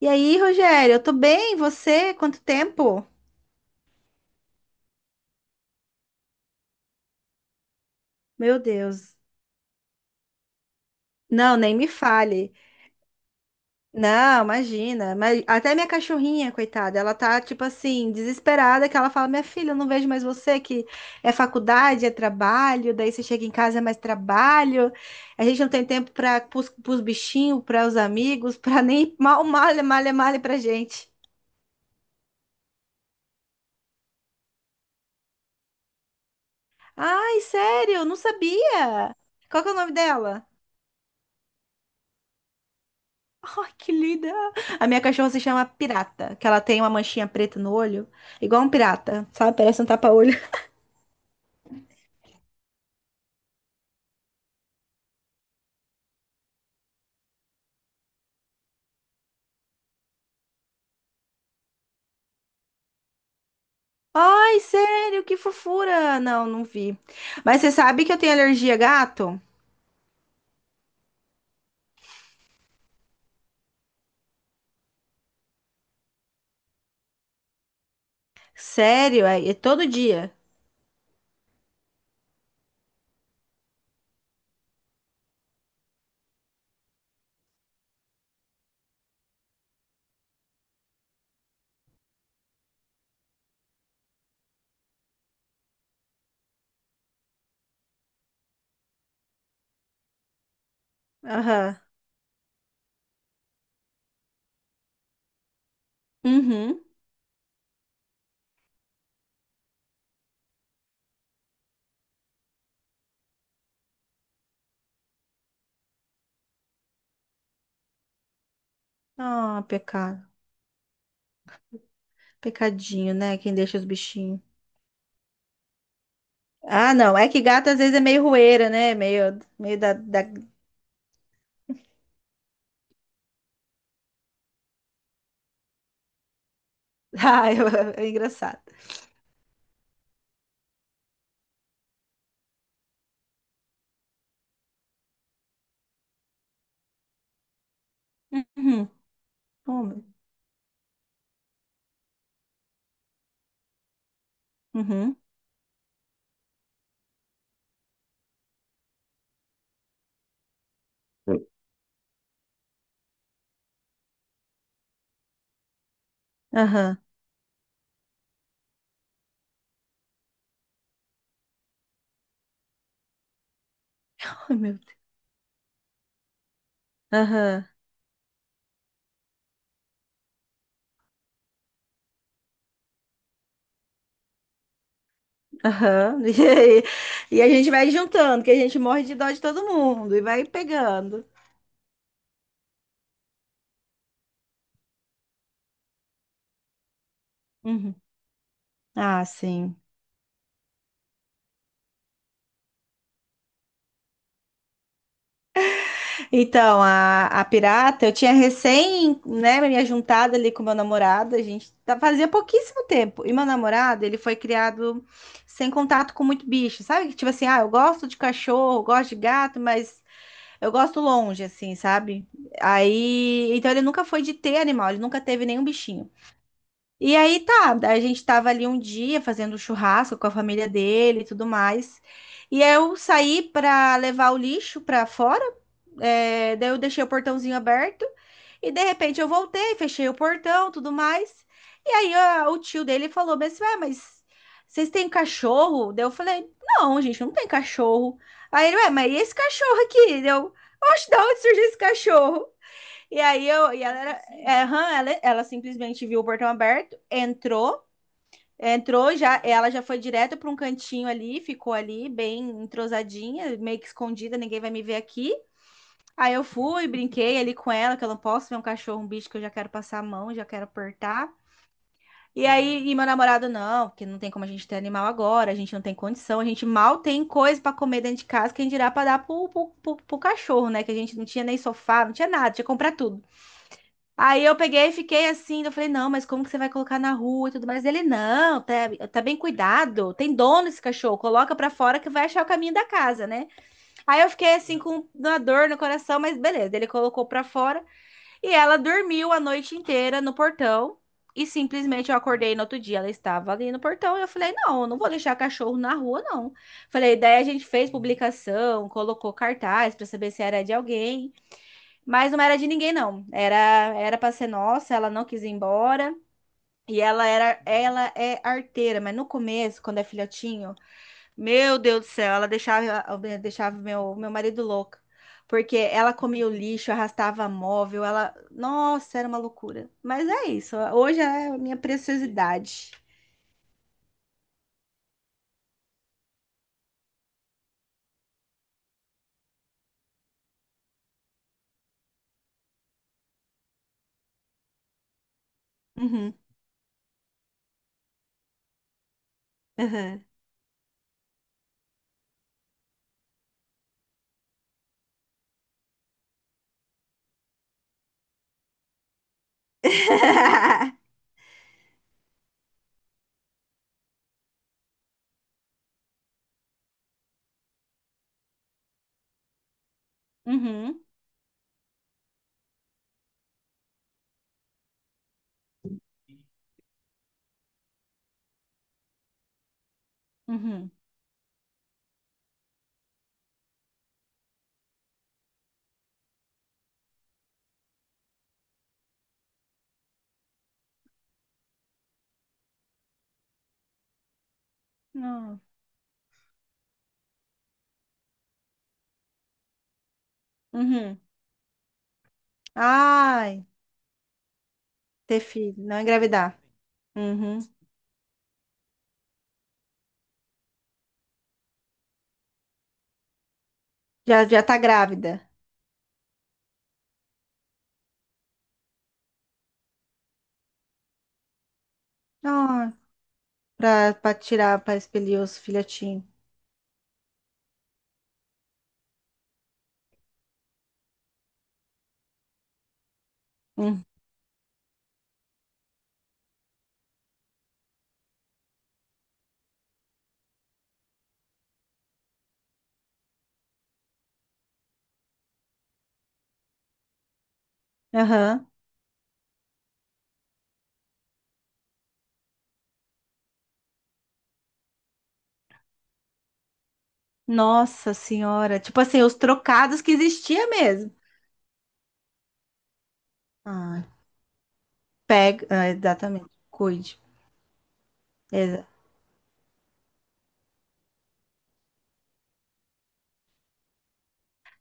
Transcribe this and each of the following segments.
E aí, Rogério, eu tô bem, e você? Quanto tempo? Meu Deus. Não, nem me fale. Não, imagina. Mas até minha cachorrinha, coitada, ela tá tipo assim, desesperada, que ela fala: "Minha filha, eu não vejo mais você, que é faculdade, é trabalho, daí você chega em casa é mais trabalho. A gente não tem tempo para os bichinhos, para os amigos, para nem mal malha, malha, malha pra gente." Ai, sério, não sabia. Qual que é o nome dela? Ai, que linda! A minha cachorra se chama Pirata, que ela tem uma manchinha preta no olho, igual um pirata, sabe? Parece um tapa-olho. Ai, sério, que fofura! Não, não vi. Mas você sabe que eu tenho alergia a gato? Sério, é, é todo dia. Aham. Uhum. Ah, pecado. Pecadinho, né? Quem deixa os bichinhos. Ah, não. É que gato às vezes é meio rueira, né? Meio, meio da... Ah, eu- é engraçado. Uhum. Oh, meu- Uhum. Aham. Ai, meu Deus. Aham. Aham. E aí, e a gente vai juntando, que a gente morre de dó de todo mundo e vai pegando. Uhum. Ah, sim. Então, a pirata, eu tinha recém, né, me juntado ali com meu namorado, a gente tá- fazia pouquíssimo tempo. E meu namorado, ele foi criado sem contato com muito bicho, sabe? Tipo assim, ah, eu gosto de cachorro, gosto de gato, mas eu gosto longe, assim, sabe? Aí, então ele nunca foi de ter animal, ele nunca teve nenhum bichinho. E aí tá, a gente tava ali um dia fazendo churrasco com a família dele e tudo mais. E aí eu saí pra levar o lixo pra fora, é, daí eu deixei o portãozinho aberto. E de repente eu voltei, fechei o portão, tudo mais. E aí o tio dele falou, mas, ué, mas vocês têm cachorro? Daí eu falei, não, gente, não tem cachorro. Aí ele, ué, mas e esse cachorro aqui? Daí eu, oxe, da onde surgiu esse cachorro? E aí eu, e ela, era, aham, ela simplesmente viu o portão aberto, entrou, entrou já, ela já foi direto para um cantinho ali, ficou ali bem entrosadinha, meio que escondida, ninguém vai me ver aqui. Aí eu fui, brinquei ali com ela, que eu não posso ver um cachorro, um bicho que eu já quero passar a mão, já quero apertar. E aí, e meu namorado, não, porque não tem como a gente ter animal agora, a gente não tem condição, a gente mal tem coisa para comer dentro de casa, quem dirá para dar pro cachorro, né? Que a gente não tinha nem sofá, não tinha nada, tinha que comprar tudo. Aí eu peguei e fiquei assim, eu falei, não, mas como que você vai colocar na rua e tudo mais? Ele, não, tá, tá bem cuidado, tem dono esse cachorro, coloca pra fora que vai achar o caminho da casa, né? Aí eu fiquei assim com uma dor no coração, mas beleza, ele colocou pra fora e ela dormiu a noite inteira no portão e simplesmente eu acordei no outro dia, ela estava ali no portão e eu falei, não, eu não vou deixar cachorro na rua, não. Falei, daí a gente fez publicação, colocou cartaz pra saber se era de alguém mas não era de ninguém, não. Era para ser nossa, ela não quis ir embora. E ela era, ela é arteira, mas no começo, quando é filhotinho, meu Deus do céu, ela deixava, deixava meu marido louco. Porque ela comia o lixo, arrastava móvel, ela. Nossa, era uma loucura. Mas é isso. Hoje é a minha preciosidade. Uhum. Uhum. Uhum. Uhum. Não. Uhum. Ai, ter filho, não engravidar. Uhum. Já, já tá grávida. Ah, pra, pra tirar, pra expelir os filhotinhos. Hum. Aham. Nossa senhora. Tipo assim, os trocados que existia mesmo. Ah, pega. Ah, exatamente. Cuide.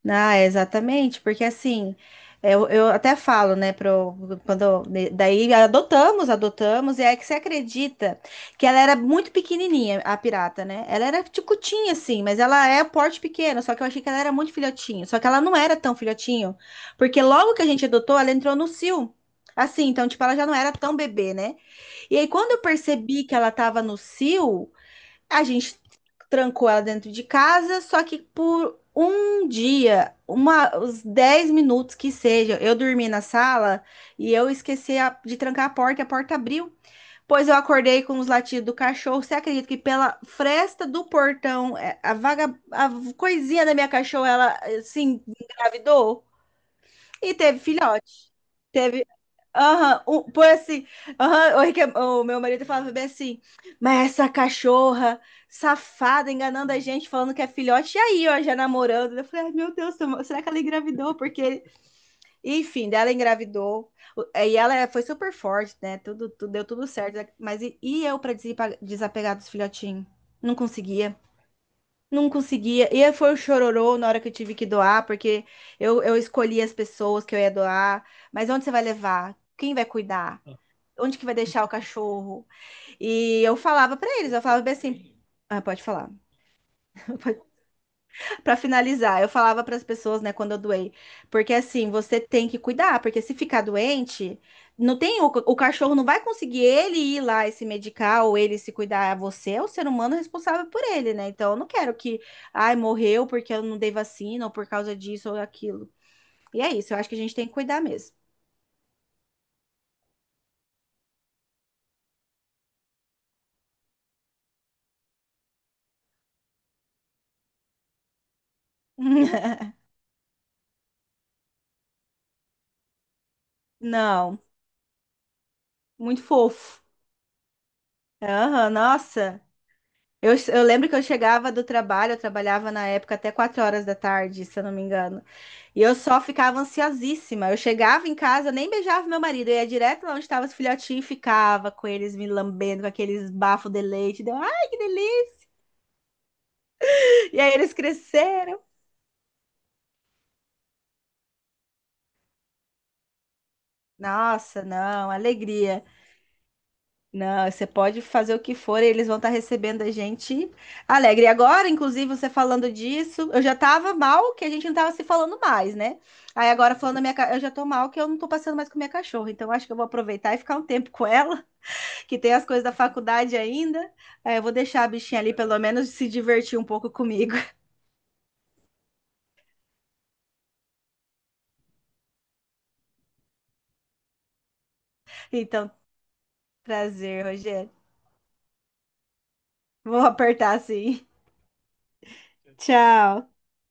Ah, exatamente, porque assim, eu até falo, né, pro, quando, né, daí adotamos, adotamos, e aí que você acredita que ela era muito pequenininha, a pirata, né? Ela era ticutinha, assim, mas ela é porte pequeno, só que eu achei que ela era muito filhotinho, só que ela não era tão filhotinho, porque logo que a gente adotou, ela entrou no cio, assim, então, tipo, ela já não era tão bebê, né? E aí, quando eu percebi que ela tava no cio, a gente trancou ela dentro de casa, só que por um dia, uma, os 10 minutos que seja, eu dormi na sala e eu esqueci de trancar a porta e a porta abriu. Pois eu acordei com os latidos do cachorro. Você acredita que pela fresta do portão, é, a vaga, a coisinha da minha cachorra, ela assim engravidou? E teve filhote. Teve. Aham, um- foi assim. Aham, o, o meu marido falava bem assim, mas essa cachorra safada enganando a gente, falando que é filhote, e aí, ó, já namorando. Eu falei, ai meu Deus, será que ela engravidou? Porque, enfim, dela engravidou. E ela é, foi super forte, né? Tudo, tudo- deu tudo certo. Mas e eu pra desapegar dos filhotinhos? Não conseguia. Não conseguia. E aí foi o chororô na hora que eu tive que doar, porque eu escolhi as pessoas que eu ia doar. Mas onde você vai levar? Quem vai cuidar? Onde que vai deixar o cachorro? E eu falava pra eles, eu falava bem assim. Ah, pode falar. Pra finalizar, eu falava para as pessoas, né, quando eu doei, porque assim, você tem que cuidar, porque se ficar doente, não tem o cachorro não vai conseguir ele ir lá e se medicar ou ele se cuidar, você é o ser humano responsável por ele, né? Então eu não quero que, ai, morreu porque eu não dei vacina ou por causa disso ou aquilo. E é isso, eu acho que a gente tem que cuidar mesmo. Não, muito fofo. Aham, nossa. Eu lembro que eu chegava do trabalho, eu trabalhava na época até 4 horas da tarde, se eu não me engano. E eu só ficava ansiosíssima. Eu chegava em casa, eu nem beijava meu marido, eu ia direto lá onde estavam os filhotinhos e ficava com eles me lambendo, com aqueles bafos de leite. Deu, ai, que delícia! E aí eles cresceram. Nossa, não, alegria. Não, você pode fazer o que for, eles vão estar recebendo a gente alegre. E agora, inclusive, você falando disso, eu já tava mal que a gente não tava se falando mais, né? Aí agora falando da minha, ca- eu já tô mal que eu não tô passando mais com minha cachorra, então acho que eu vou aproveitar e ficar um tempo com ela, que tem as coisas da faculdade ainda. Aí eu vou deixar a bichinha ali pelo menos se divertir um pouco comigo. Então, prazer, Rogério. Vou apertar sim. Tchau.